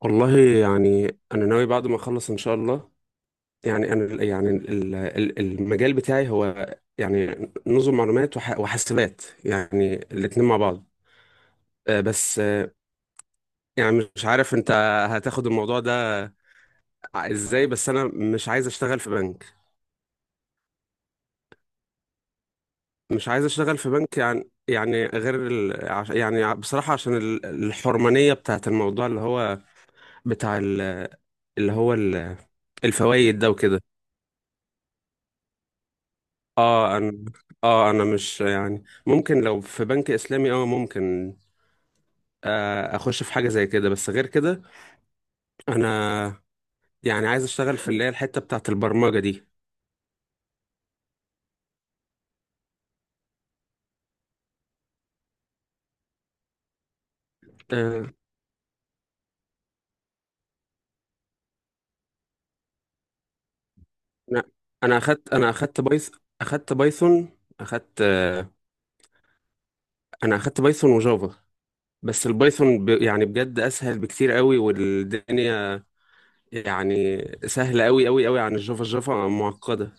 والله، يعني انا ناوي بعد ما اخلص ان شاء الله. يعني انا يعني المجال بتاعي هو يعني نظم معلومات وحاسبات، يعني الاتنين مع بعض. آه، بس آه، يعني مش عارف انت هتاخد الموضوع ده، ازاي؟ بس انا مش عايز اشتغل في بنك. مش عايز اشتغل في بنك، يعني غير ال... عش- يعني ع- بصراحة عشان الحرمانية بتاعت الموضوع اللي هو بتاع ال... اللي هو ال- الفوائد ده وكده. اه انا اه انا مش، يعني ممكن لو في بنك اسلامي، ممكن اخش في حاجه زي كده، بس غير كده. انا يعني عايز اشتغل في اللي هي الحته بتاعه البرمجه دي. آه، انا انا اخدت انا اخدت بايث اخدت بايثون، اخدت آه، انا اخدت بايثون وجافا. بس البايثون يعني بجد اسهل بكتير قوي، والدنيا يعني سهله قوي قوي قوي عن الجافا معقده.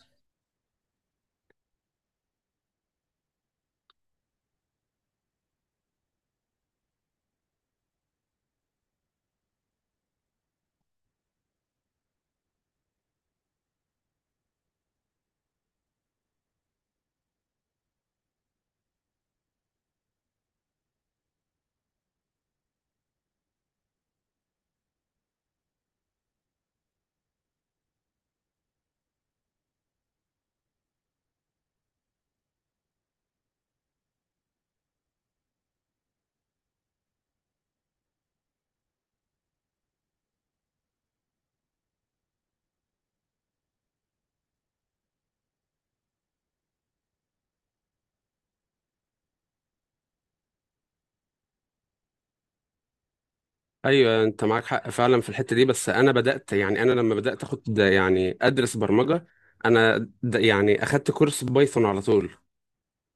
ايوه، انت معاك حق فعلا في الحته دي. بس انا بدات، يعني انا لما بدات اخد يعني ادرس برمجه، انا يعني اخدت كورس بايثون على طول.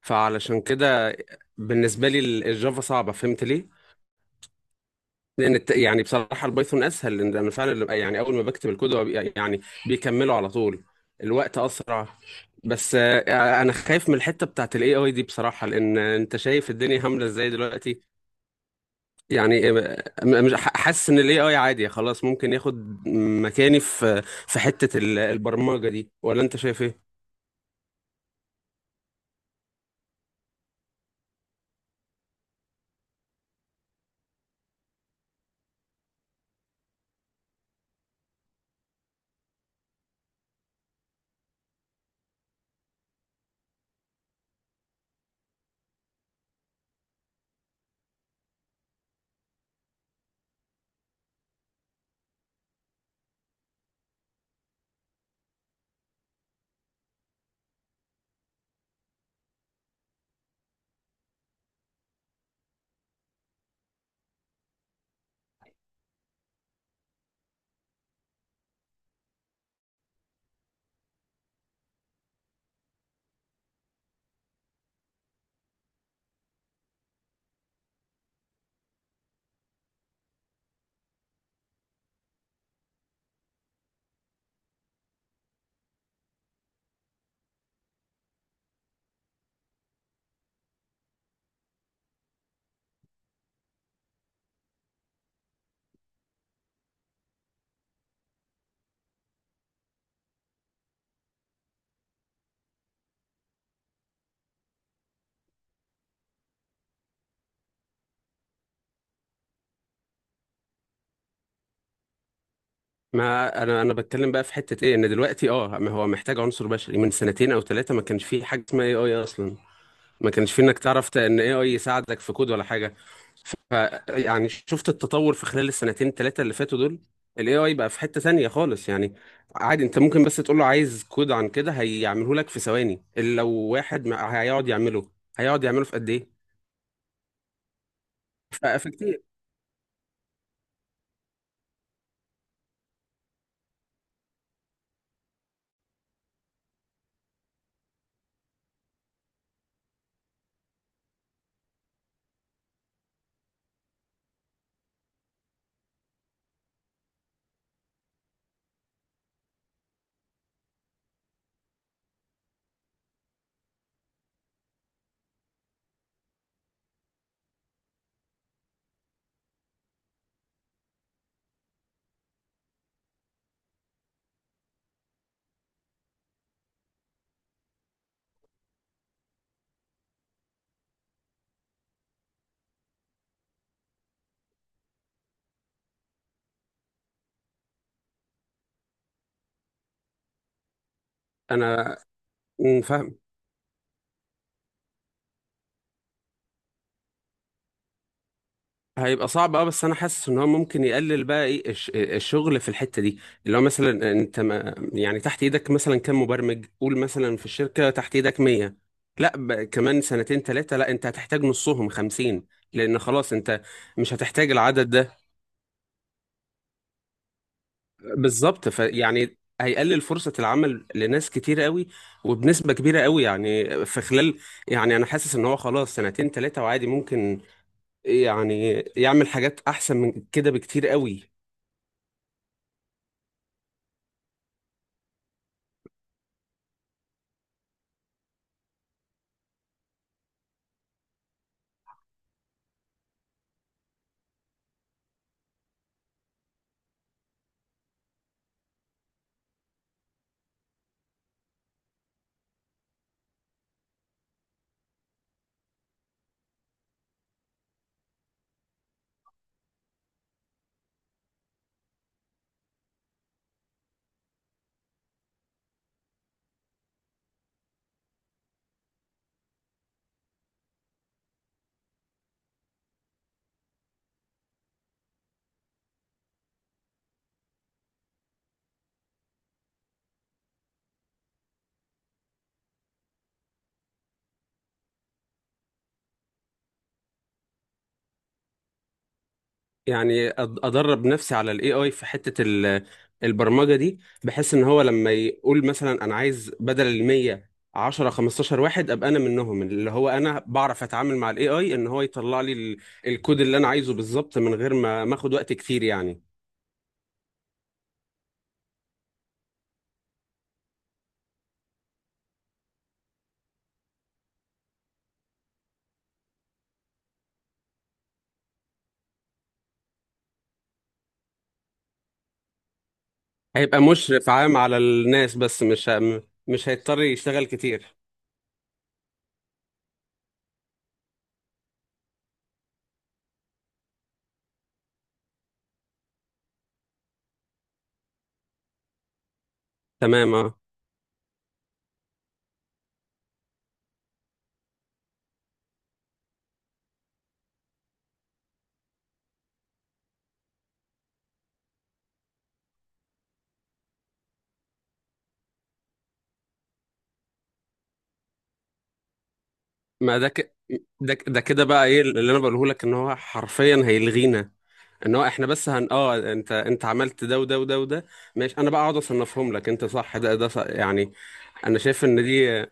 فعلشان كده بالنسبه لي الجافا صعبه. فهمت ليه؟ لان يعني بصراحه البايثون اسهل، لان انا فعلا يعني اول ما بكتب الكود هو يعني بيكمله على طول. الوقت اسرع. بس انا خايف من الحته بتاعت الاي اي دي بصراحه، لان انت شايف الدنيا عامله ازاي دلوقتي. يعني مش حاسس ان الاي اي عادي خلاص ممكن ياخد مكاني في حته البرمجه دي. ولا انت شايف ايه؟ ما انا بتكلم بقى في حته ايه، ان دلوقتي اه ما هو محتاج عنصر بشري، من سنتين او ثلاثه ما كانش فيه حاجه اسمها اي اي اصلا. ما كانش في انك تعرف ان اي يساعدك في كود ولا حاجه. ف يعني شفت التطور في خلال السنتين ثلاثه اللي فاتوا دول. الاي اي بقى في حته تانية خالص، يعني. عادي انت ممكن بس تقول له عايز كود عن كده، هيعمله لك في ثواني. اللي لو واحد هيقعد يعمله، هيقعد يعمله في قد ايه؟ فكتير. انا مم، فاهم. هيبقى صعب، اه، بس انا حاسس ان هو ممكن يقلل بقى ايه الشغل في الحته دي. اللي هو مثلا انت، ما يعني، تحت ايدك مثلا كام مبرمج؟ قول مثلا في الشركه تحت ايدك 100. لا، كمان سنتين ثلاثه لا انت هتحتاج نصهم، 50. لان خلاص انت مش هتحتاج العدد ده. بالظبط. فيعني هيقلل فرصه العمل لناس كتير قوي، وبنسبه كبيره قوي، يعني في خلال، يعني انا حاسس ان هو خلاص سنتين ثلاثه وعادي ممكن يعني يعمل حاجات احسن من كده بكتير قوي. يعني ادرب نفسي على الاي اي في حته البرمجه دي، بحيث ان هو لما يقول مثلا انا عايز بدل ال 100، 10 15 واحد، ابقى انا منهم، اللي هو انا بعرف اتعامل مع الاي اي ان هو يطلع لي الكود اللي انا عايزه بالظبط من غير ما اخد وقت كتير، يعني. هيبقى مشرف عام على الناس، بس مش هيضطر يشتغل كتير. تمام، اه. ما ده كده بقى، ايه اللي انا بقوله لك؟ ان هو حرفيا هيلغينا. ان هو احنا بس هن اه انت عملت ده وده وده وده. ماشي، انا بقى اقعد اصنفهم لك. انت صح، ده صح، يعني. انا شايف ان دي.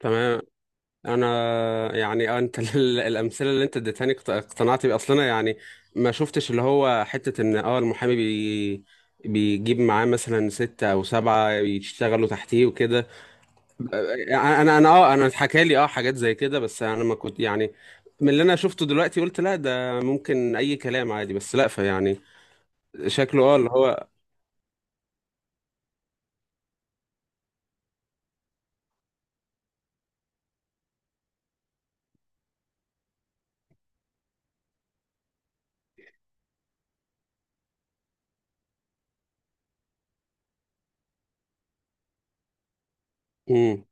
تمام. انا يعني آه، انت الامثله اللي انت اديتهاني اقتنعت بيه اصلا، انا يعني ما شفتش، اللي هو حته، ان اه المحامي بيجيب معاه مثلا 6 أو 7 يشتغلوا تحتيه وكده. انا اتحكى لي اه حاجات زي كده، بس انا ما كنت يعني. من اللي انا شفته دلوقتي قلت لا، ده ممكن اي كلام عادي، بس لا، فيعني شكله اه اللي هو. امم.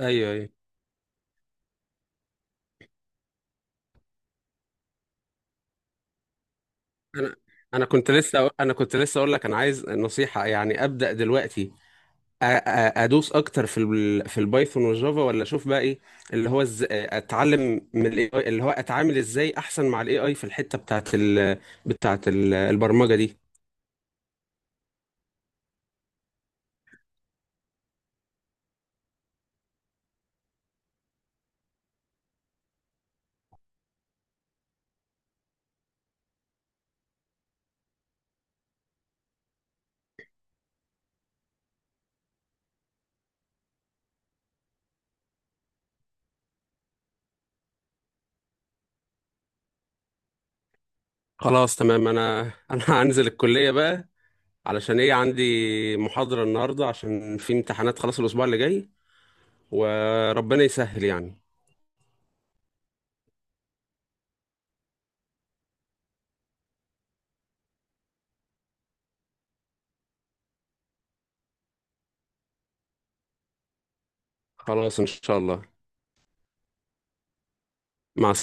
ايوه، ايوه. انا انا كنت لسه اقول لك انا عايز نصيحة، يعني ابدا دلوقتي. ادوس اكتر في البايثون والجافا، ولا اشوف بقى ايه اللي هو، اتعلم من الاي اي، اللي هو اتعامل ازاي احسن مع الاي اي في الحتة بتاعت البرمجة دي. خلاص، تمام. انا هنزل الكلية بقى، علشان ايه؟ عندي محاضرة النهاردة، عشان في امتحانات، خلاص الأسبوع اللي جاي. وربنا يسهل، يعني. خلاص إن شاء الله. مع